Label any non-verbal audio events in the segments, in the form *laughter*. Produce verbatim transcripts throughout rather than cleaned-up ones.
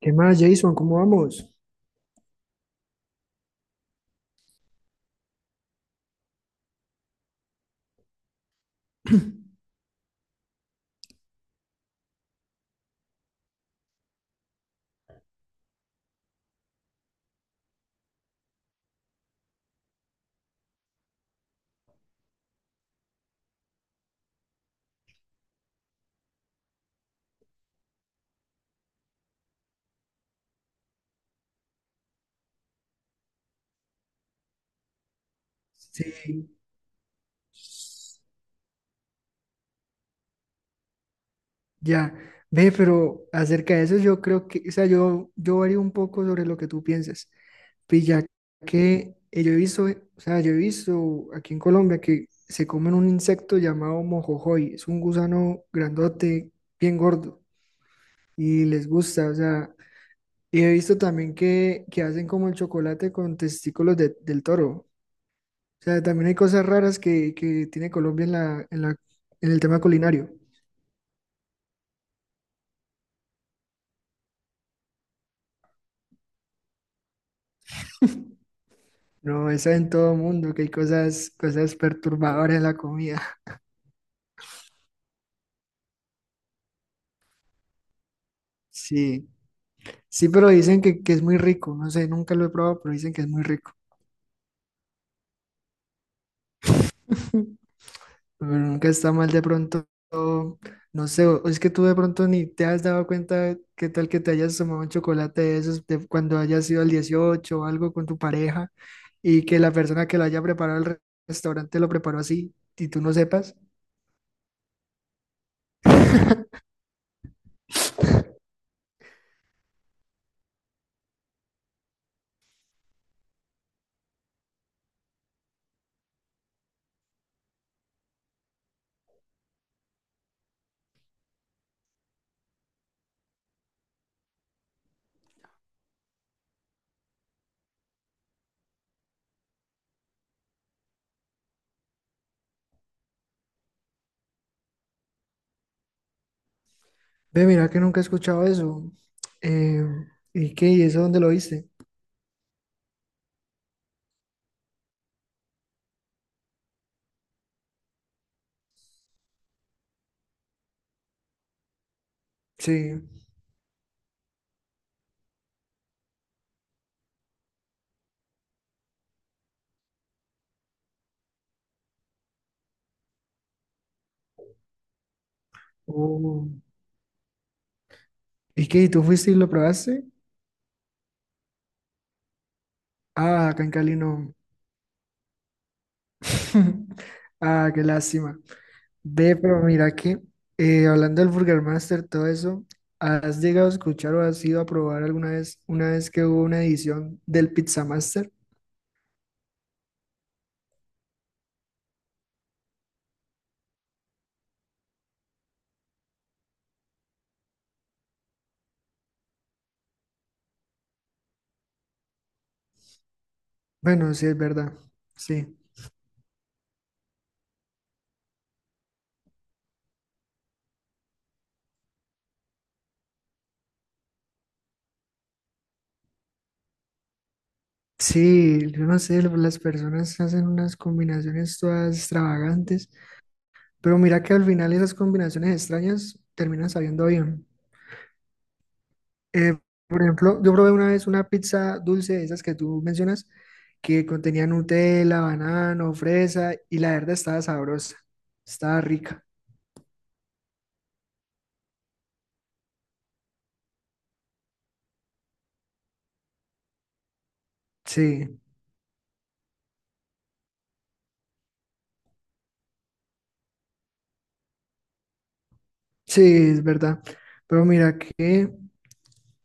¿Qué más, Jason? ¿Cómo vamos? Sí, ya. Ve, pero acerca de eso yo creo que, o sea, yo, yo varío un poco sobre lo que tú piensas. Pues ya que eh, yo he visto, eh, o sea, yo he visto aquí en Colombia que se comen un insecto llamado mojojoy. Es un gusano grandote, bien gordo, y les gusta, o sea, y he visto también que, que hacen como el chocolate con testículos de- del toro. O sea, también hay cosas raras que, que tiene Colombia en la, en la, en el tema culinario. No, eso en todo mundo, que hay cosas, cosas perturbadoras en la comida. *laughs* Sí, sí, pero dicen que, que es muy rico. No sé, nunca lo he probado, pero dicen que es muy rico. Pero nunca está mal de pronto. No sé, o es que tú de pronto ni te has dado cuenta qué tal que te hayas tomado un chocolate de esos de cuando hayas ido al dieciocho o algo con tu pareja y que la persona que lo haya preparado al restaurante lo preparó así y tú no sepas. Ve, mira que nunca he escuchado eso. Eh, ¿y qué? ¿Y eso dónde lo viste? Sí. Oh. ¿Y qué? ¿Y tú fuiste y lo probaste? Ah, acá en Cali no. *laughs* Ah, qué lástima. Ve, pero mira que eh, hablando del Burger Master, todo eso, ¿has llegado a escuchar o has ido a probar alguna vez, una vez que hubo una edición del Pizza Master? Bueno, sí, es verdad. Sí. Sí, yo no sé, lo- las personas hacen unas combinaciones todas extravagantes. Pero mira que al final esas combinaciones extrañas terminan sabiendo bien. Eh, por ejemplo, yo probé una vez una pizza dulce, de esas que tú mencionas, que contenía Nutella, banano, fresa, y la verdad estaba sabrosa, estaba rica. Sí, sí, es verdad. Pero mira que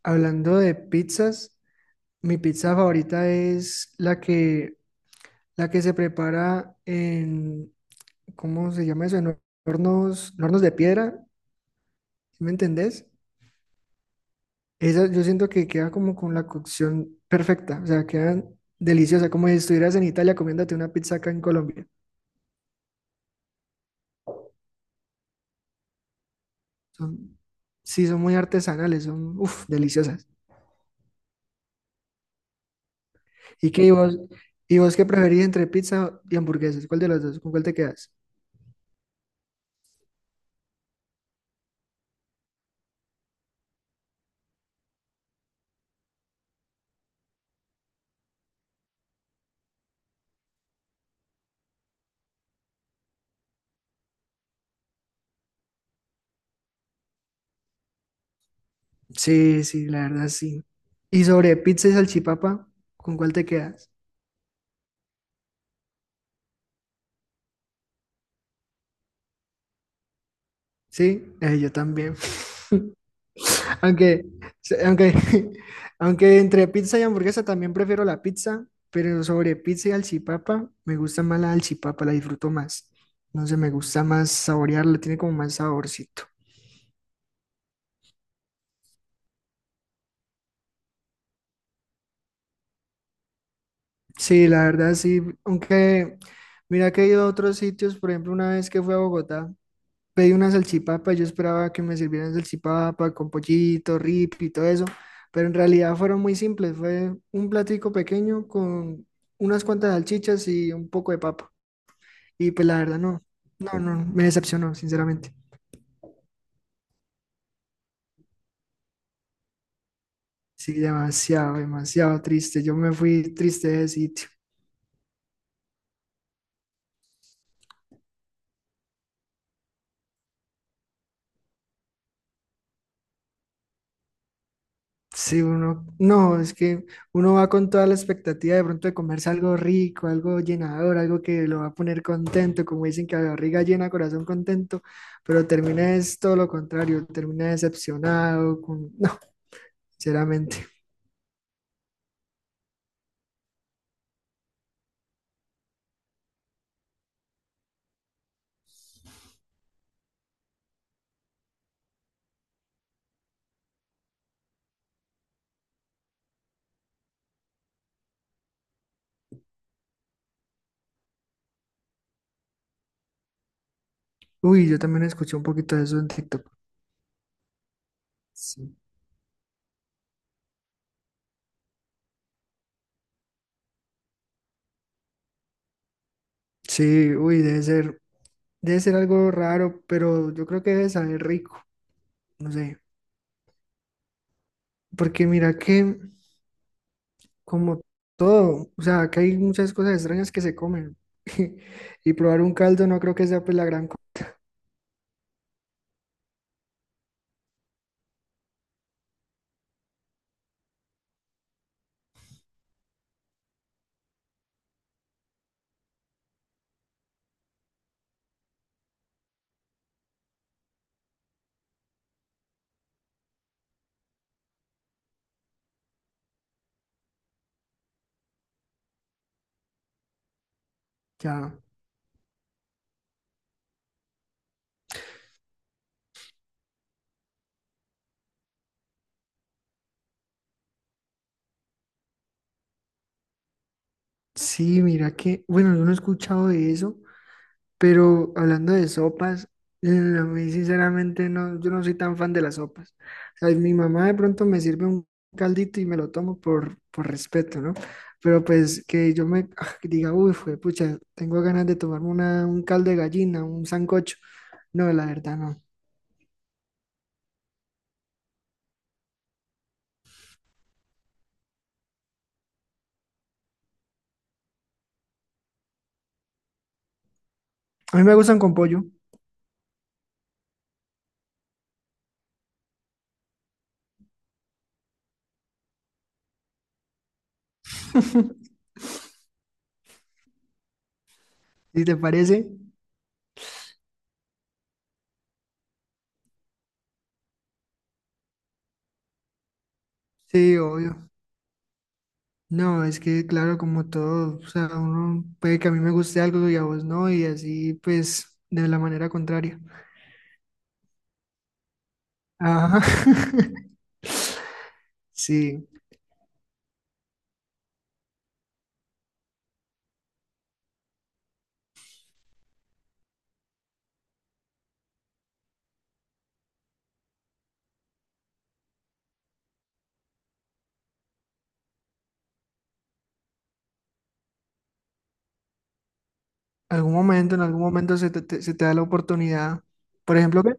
hablando de pizzas, mi pizza favorita es la que, la que se prepara en, ¿cómo se llama eso? En hornos, en hornos de piedra, ¿sí ¿me entendés? Esa, yo siento que queda como con la cocción perfecta, o sea, quedan deliciosas, como si estuvieras en Italia comiéndote una pizza acá en Colombia. Son, sí, son muy artesanales, son, uff, deliciosas. ¿Y qué, y vos, y vos qué preferís entre pizza y hamburguesas? ¿Cuál de las dos? ¿Con cuál te quedas? Sí, sí, la verdad sí. Y sobre pizza y salchipapa, ¿con cuál te quedas? Sí, eh, yo también. Aunque, se- aunque, *laughs* aunque entre pizza y hamburguesa también prefiero la pizza, pero sobre pizza y alchipapa me gusta más la alchipapa, la disfruto más. No sé, me gusta más saborearla, tiene como más saborcito. Sí, la verdad sí, aunque mira que he ido a otros sitios, por ejemplo, una vez que fui a Bogotá, pedí una salchipapa y yo esperaba que me sirvieran salchipapa con pollito, rip y todo eso, pero en realidad fueron muy simples, fue un platico pequeño con unas cuantas salchichas y un poco de papa. Y pues la verdad no, no, no, me decepcionó, sinceramente. Sí, demasiado, demasiado triste. Yo me fui triste de sitio. Sí, uno, no, es que uno va con toda la expectativa de pronto de comerse algo rico, algo llenador, algo que lo va a poner contento, como dicen que la barriga llena, corazón contento, pero termina es todo lo contrario, termina decepcionado, con... *laughs* no, sinceramente. Uy, yo también escuché un poquito de eso en TikTok. Sí, sí, uy, debe ser. Debe ser algo raro, pero yo creo que debe saber rico, no sé. Porque mira que, como todo, o sea, que hay muchas cosas extrañas que se comen. *laughs* Y probar un caldo no creo que sea pues la gran cosa. Ya, sí, mira que, bueno, yo no he escuchado de eso. Pero hablando de sopas, eh, a mí sinceramente no, yo no soy tan fan de las sopas. O sea, mi mamá de pronto me sirve un caldito y me lo tomo por, por respeto, ¿no? Pero pues que yo me ah, que diga, uy, fue, pucha, tengo ganas de tomarme una, un caldo de gallina, un sancocho. No, la verdad no. A mí me gustan con pollo, *laughs* si te parece. Sí, obvio. No, es que claro, como todo, o sea, uno puede que a mí me guste algo y a vos no, y así pues de la manera contraria. Ajá. *laughs* Sí, algún momento, en algún momento se te, te- se te da la oportunidad. Por ejemplo, ¿qué?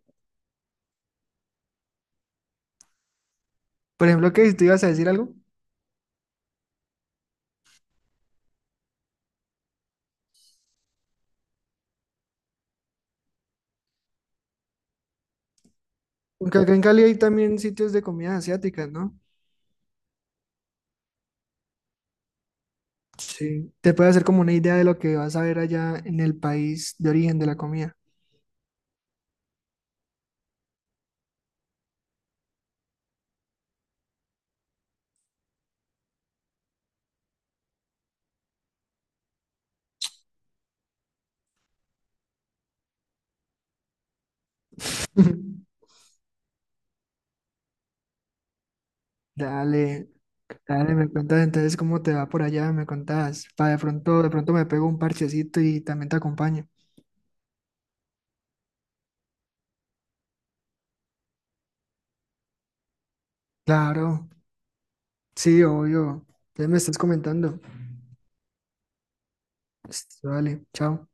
Por ejemplo, ¿qué? ¿Te ibas a decir algo? Porque acá en Cali hay también sitios de comidas asiáticas, ¿no? Sí, te puede hacer como una idea de lo que vas a ver allá en el país de origen de la comida. *laughs* Dale, dale, me cuentas entonces cómo te va por allá, me contás. Para de pronto, de pronto me pego un parchecito y también te acompaño. Claro, sí, obvio. Entonces me estás comentando. Listo, Dale, chao.